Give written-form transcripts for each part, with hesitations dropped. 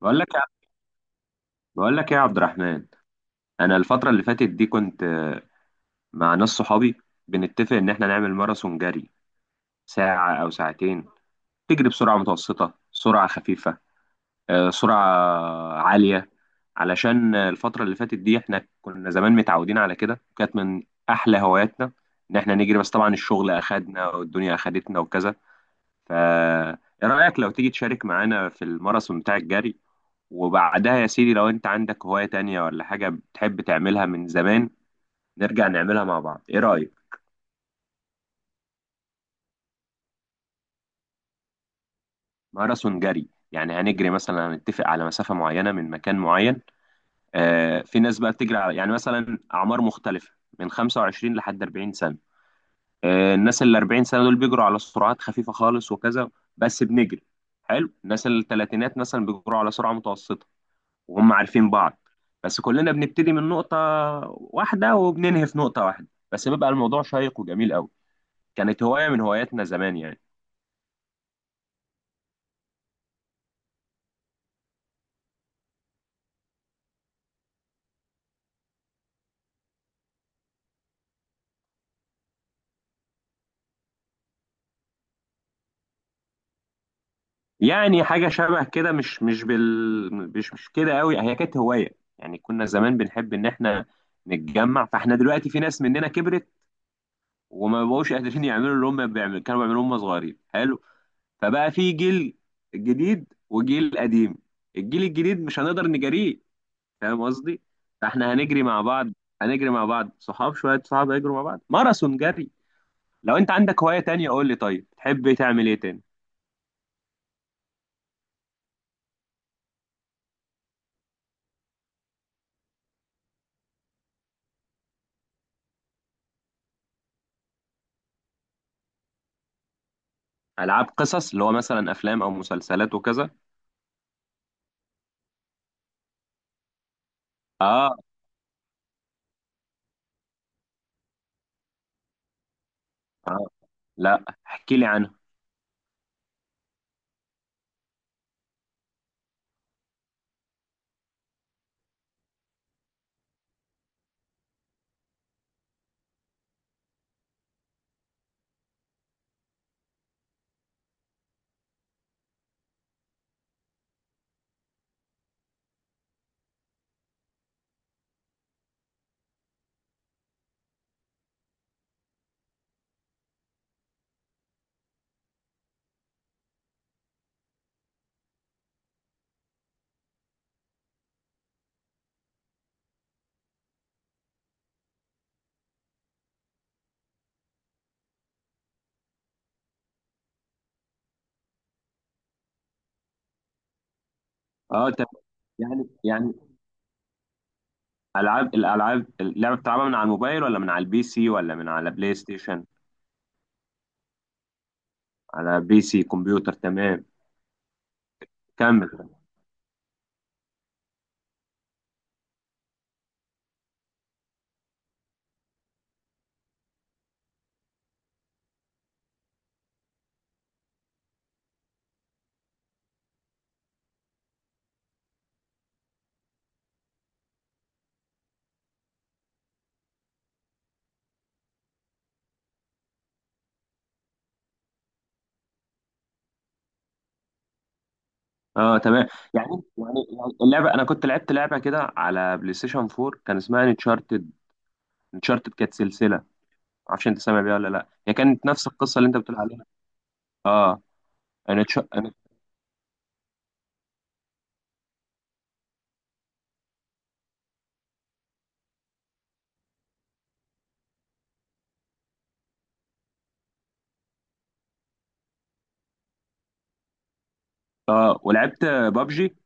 بقول لك يا بقول لك ايه يا عبد الرحمن. انا الفتره اللي فاتت دي كنت، مع ناس صحابي، بنتفق ان احنا نعمل ماراثون جري، ساعه او ساعتين، تجري بسرعه متوسطه، سرعه خفيفه، سرعه عاليه، علشان الفتره اللي فاتت دي احنا كنا زمان متعودين على كده، وكانت من احلى هواياتنا ان احنا نجري. بس طبعا الشغل اخدنا والدنيا اخدتنا وكذا. فا ايه رأيك لو تيجي تشارك معانا في الماراثون بتاع الجري؟ وبعدها يا سيدي، لو انت عندك هواية تانية ولا حاجة بتحب تعملها من زمان، نرجع نعملها مع بعض. ايه رأيك؟ ماراثون جري، يعني هنجري، مثلا هنتفق على مسافة معينة من مكان معين. في ناس بقى بتجري على، يعني مثلا أعمار مختلفة، من 25 لحد 40 سنة. الناس ال 40 سنة دول بيجروا على سرعات خفيفة خالص وكذا، بس بنجري. حلو. الناس الثلاثينات مثلا بيجروا على سرعة متوسطة، وهم عارفين بعض. بس كلنا بنبتدي من نقطة واحدة، وبننهي في نقطة واحدة، بس بيبقى الموضوع شيق وجميل قوي. كانت هواية من هواياتنا زمان يعني حاجة شبه كده. مش مش بال مش مش كده قوي. هي كانت هواية، يعني كنا زمان بنحب ان احنا نتجمع، فاحنا دلوقتي في ناس مننا كبرت، وما بقوش قادرين يعملوا اللي هم كانوا بيعملوه هم صغيرين. حلو. فبقى في جيل جديد وجيل قديم، الجيل الجديد مش هنقدر نجاريه، فاهم قصدي؟ فاحنا هنجري مع بعض، صحاب، شويه صحاب هيجروا مع بعض ماراثون جري. لو انت عندك هوايه تانية قول لي، طيب تحب تعمل ايه تاني؟ العاب قصص، اللي هو مثلا افلام او مسلسلات وكذا؟ اه. اه، لا، احكي لي عنها. اه، طب. يعني العاب الالعاب اللعبه بتلعبها من على الموبايل، ولا من على البي سي، ولا من على بلاي ستيشن؟ على بي سي كمبيوتر، تمام. كمل. اه، تمام. يعني يعني اللعبه، انا كنت لعبت لعبه كده على بلاي ستيشن 4، كان اسمها انشارتد. انشارتد كانت سلسله، معرفش انت سامع بيها ولا لا؟ هي كانت نفس القصه اللي انت بتقول عليها. اه. انا. اه، ولعبت بابجي.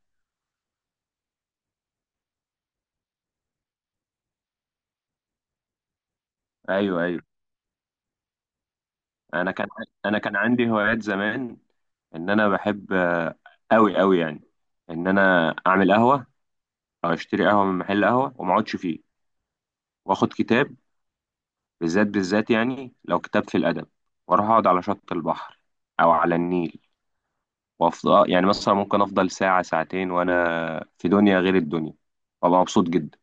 ايوه، ايوه. انا كان انا كان عندي هوايات زمان، ان انا بحب، قوي قوي يعني، ان انا اعمل قهوه، او اشتري قهوه من محل قهوه وما اقعدش فيه، واخد كتاب، بالذات بالذات يعني لو كتاب في الادب، واروح اقعد على شط البحر، او على النيل، وافضل يعني مثلا ممكن افضل ساعة ساعتين وانا في دنيا غير الدنيا، وابقى مبسوط جدا.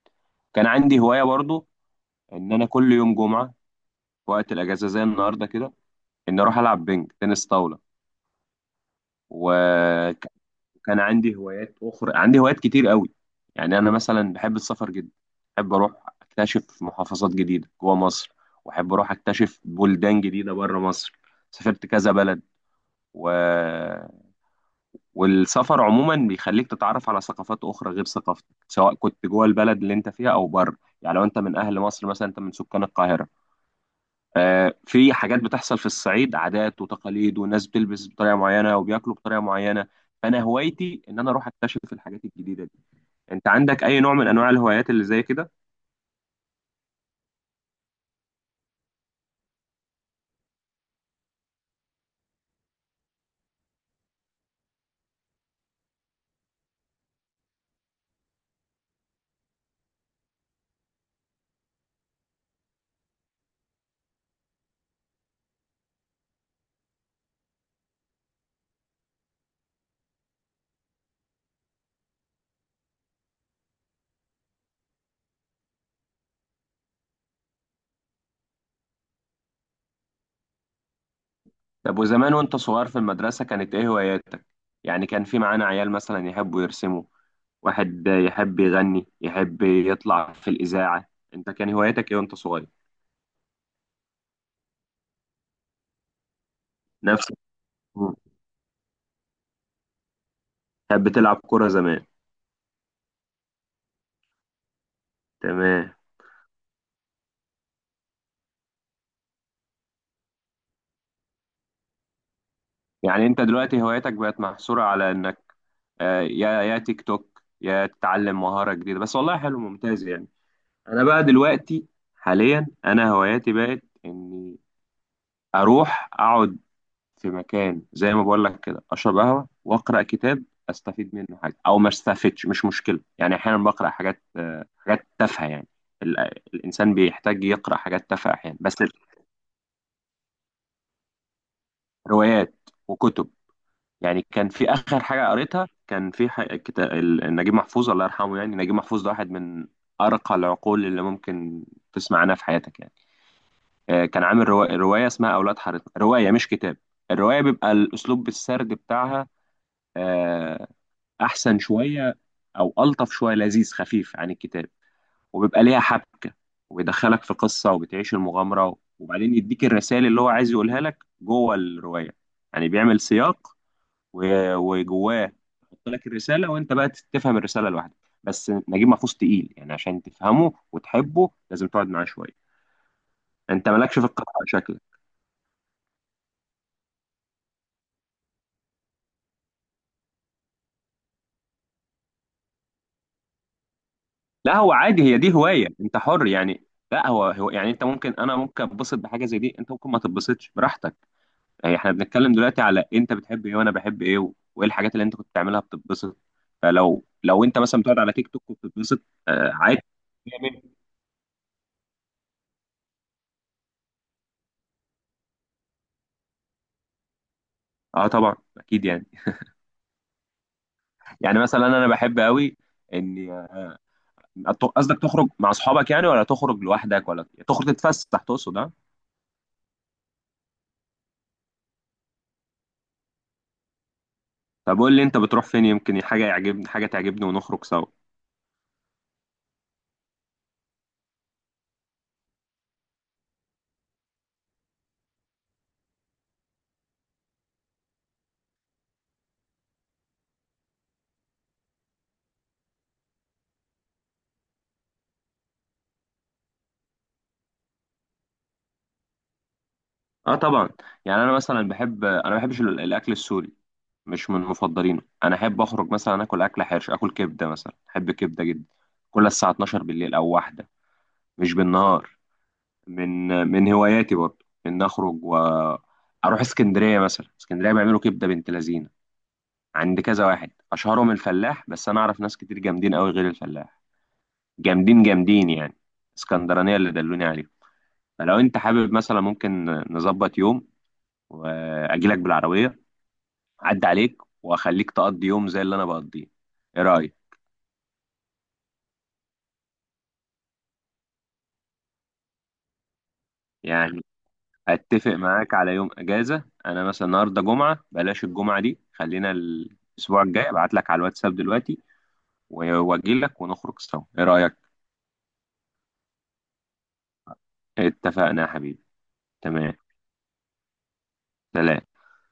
كان عندي هواية برضو ان انا كل يوم جمعة، في وقت الاجازة زي النهاردة كده، ان اروح العب بينج تنس طاولة. وكان عندي هوايات اخرى، عندي هوايات كتير قوي، يعني انا مثلا بحب السفر جدا، بحب اروح اكتشف محافظات جديدة جوه مصر، واحب اروح اكتشف بلدان جديدة بره مصر. سافرت كذا بلد. و والسفر عموما بيخليك تتعرف على ثقافات اخرى غير ثقافتك، سواء كنت جوه البلد اللي انت فيها او بره. يعني لو انت من اهل مصر مثلا، انت من سكان القاهره، في حاجات بتحصل في الصعيد، عادات وتقاليد، والناس بتلبس بطريقه معينه وبياكلوا بطريقه معينه. فانا هوايتي ان انا اروح اكتشف الحاجات الجديده دي. انت عندك اي نوع من انواع الهوايات اللي زي كده؟ طب، وزمان وانت صغير في المدرسه كانت ايه هواياتك؟ يعني كان في معانا عيال مثلا يحبوا يرسموا، واحد يحب يغني، يحب يطلع في الاذاعه، انت كان هواياتك ايه وانت صغير؟ نفس. مم. كانت بتلعب كرة زمان. تمام. يعني انت دلوقتي هوايتك بقت محصورة على انك، يا تيك توك يا تتعلم مهارة جديدة بس؟ والله حلو، ممتاز يعني. انا بقى دلوقتي، حاليا انا هواياتي بقت اني اروح اقعد في مكان زي ما بقول لك كده، اشرب قهوة واقرا كتاب، استفيد منه حاجة او ما استفدش مش مشكلة يعني. احيانا بقرا حاجات، حاجات تافهة يعني. ال- الانسان بيحتاج يقرا حاجات تافهة احيانا بس. روايات وكتب. يعني كان في اخر حاجه قريتها، كان في كتاب نجيب محفوظ الله يرحمه، يعني نجيب محفوظ ده واحد من ارقى العقول اللي ممكن تسمع عنها في حياتك يعني. كان عامل روايه اسمها اولاد حارتنا، روايه مش كتاب. الروايه بيبقى الاسلوب السرد بتاعها آه، احسن شويه، او الطف شويه، لذيذ خفيف عن الكتاب. وبيبقى ليها حبكه، وبيدخلك في قصه، وبتعيش المغامره، وبعدين يديك الرسائل اللي هو عايز يقولها لك جوه الروايه. يعني بيعمل سياق وجواه يحط لك الرساله، وانت بقى تفهم الرساله لوحدك. بس نجيب محفوظ تقيل يعني، عشان تفهمه وتحبه لازم تقعد معاه شويه. انت مالكش في القراءه شكلك؟ لا، هو عادي، هي دي هوايه، انت حر يعني. لا، هو يعني، انت ممكن، انا ممكن اتبسط بحاجه زي دي، انت ممكن ما تتبسطش براحتك. يعني احنا بنتكلم دلوقتي على انت بتحب ايه وانا بحب ايه وايه الحاجات اللي انت كنت بتعملها بتتبسط. فلو انت مثلا بتقعد على تيك توك وبتتبسط، آه عادي. اه، طبعا، اكيد يعني. يعني مثلا انا بحب قوي اني، قصدك تخرج مع اصحابك يعني، ولا تخرج لوحدك، ولا تخرج تتفسح تقصد، ها؟ طب قول لي انت بتروح فين، يمكن حاجه يعجبني، حاجه تعجبني ونخرج سوا. اه، طبعا. يعني انا مثلا بحب، انا ما بحبش الاكل السوري، مش من مفضلينه، انا احب اخرج مثلا اكل اكل حرش، اكل كبده مثلا، احب كبده جدا، كل الساعه 12 بالليل او واحده، مش بالنهار. من هواياتي برضه ان اخرج واروح اسكندريه، مثلا اسكندريه بيعملوا كبده بنت لذينه، عند كذا واحد، اشهرهم الفلاح، بس انا اعرف ناس كتير جامدين قوي غير الفلاح، جامدين جامدين يعني، اسكندرانية اللي دلوني عليهم. فلو انت حابب مثلا، ممكن نظبط يوم واجيلك بالعربية، اعدي عليك، واخليك تقضي يوم زي اللي انا بقضيه. ايه رأيك؟ يعني اتفق معاك على يوم اجازة، انا مثلا النهاردة جمعة، بلاش الجمعة دي، خلينا الاسبوع الجاي، ابعت لك على الواتساب دلوقتي واجيلك ونخرج سوا. ايه رأيك؟ اتفقنا يا حبيبي. تمام. سلام.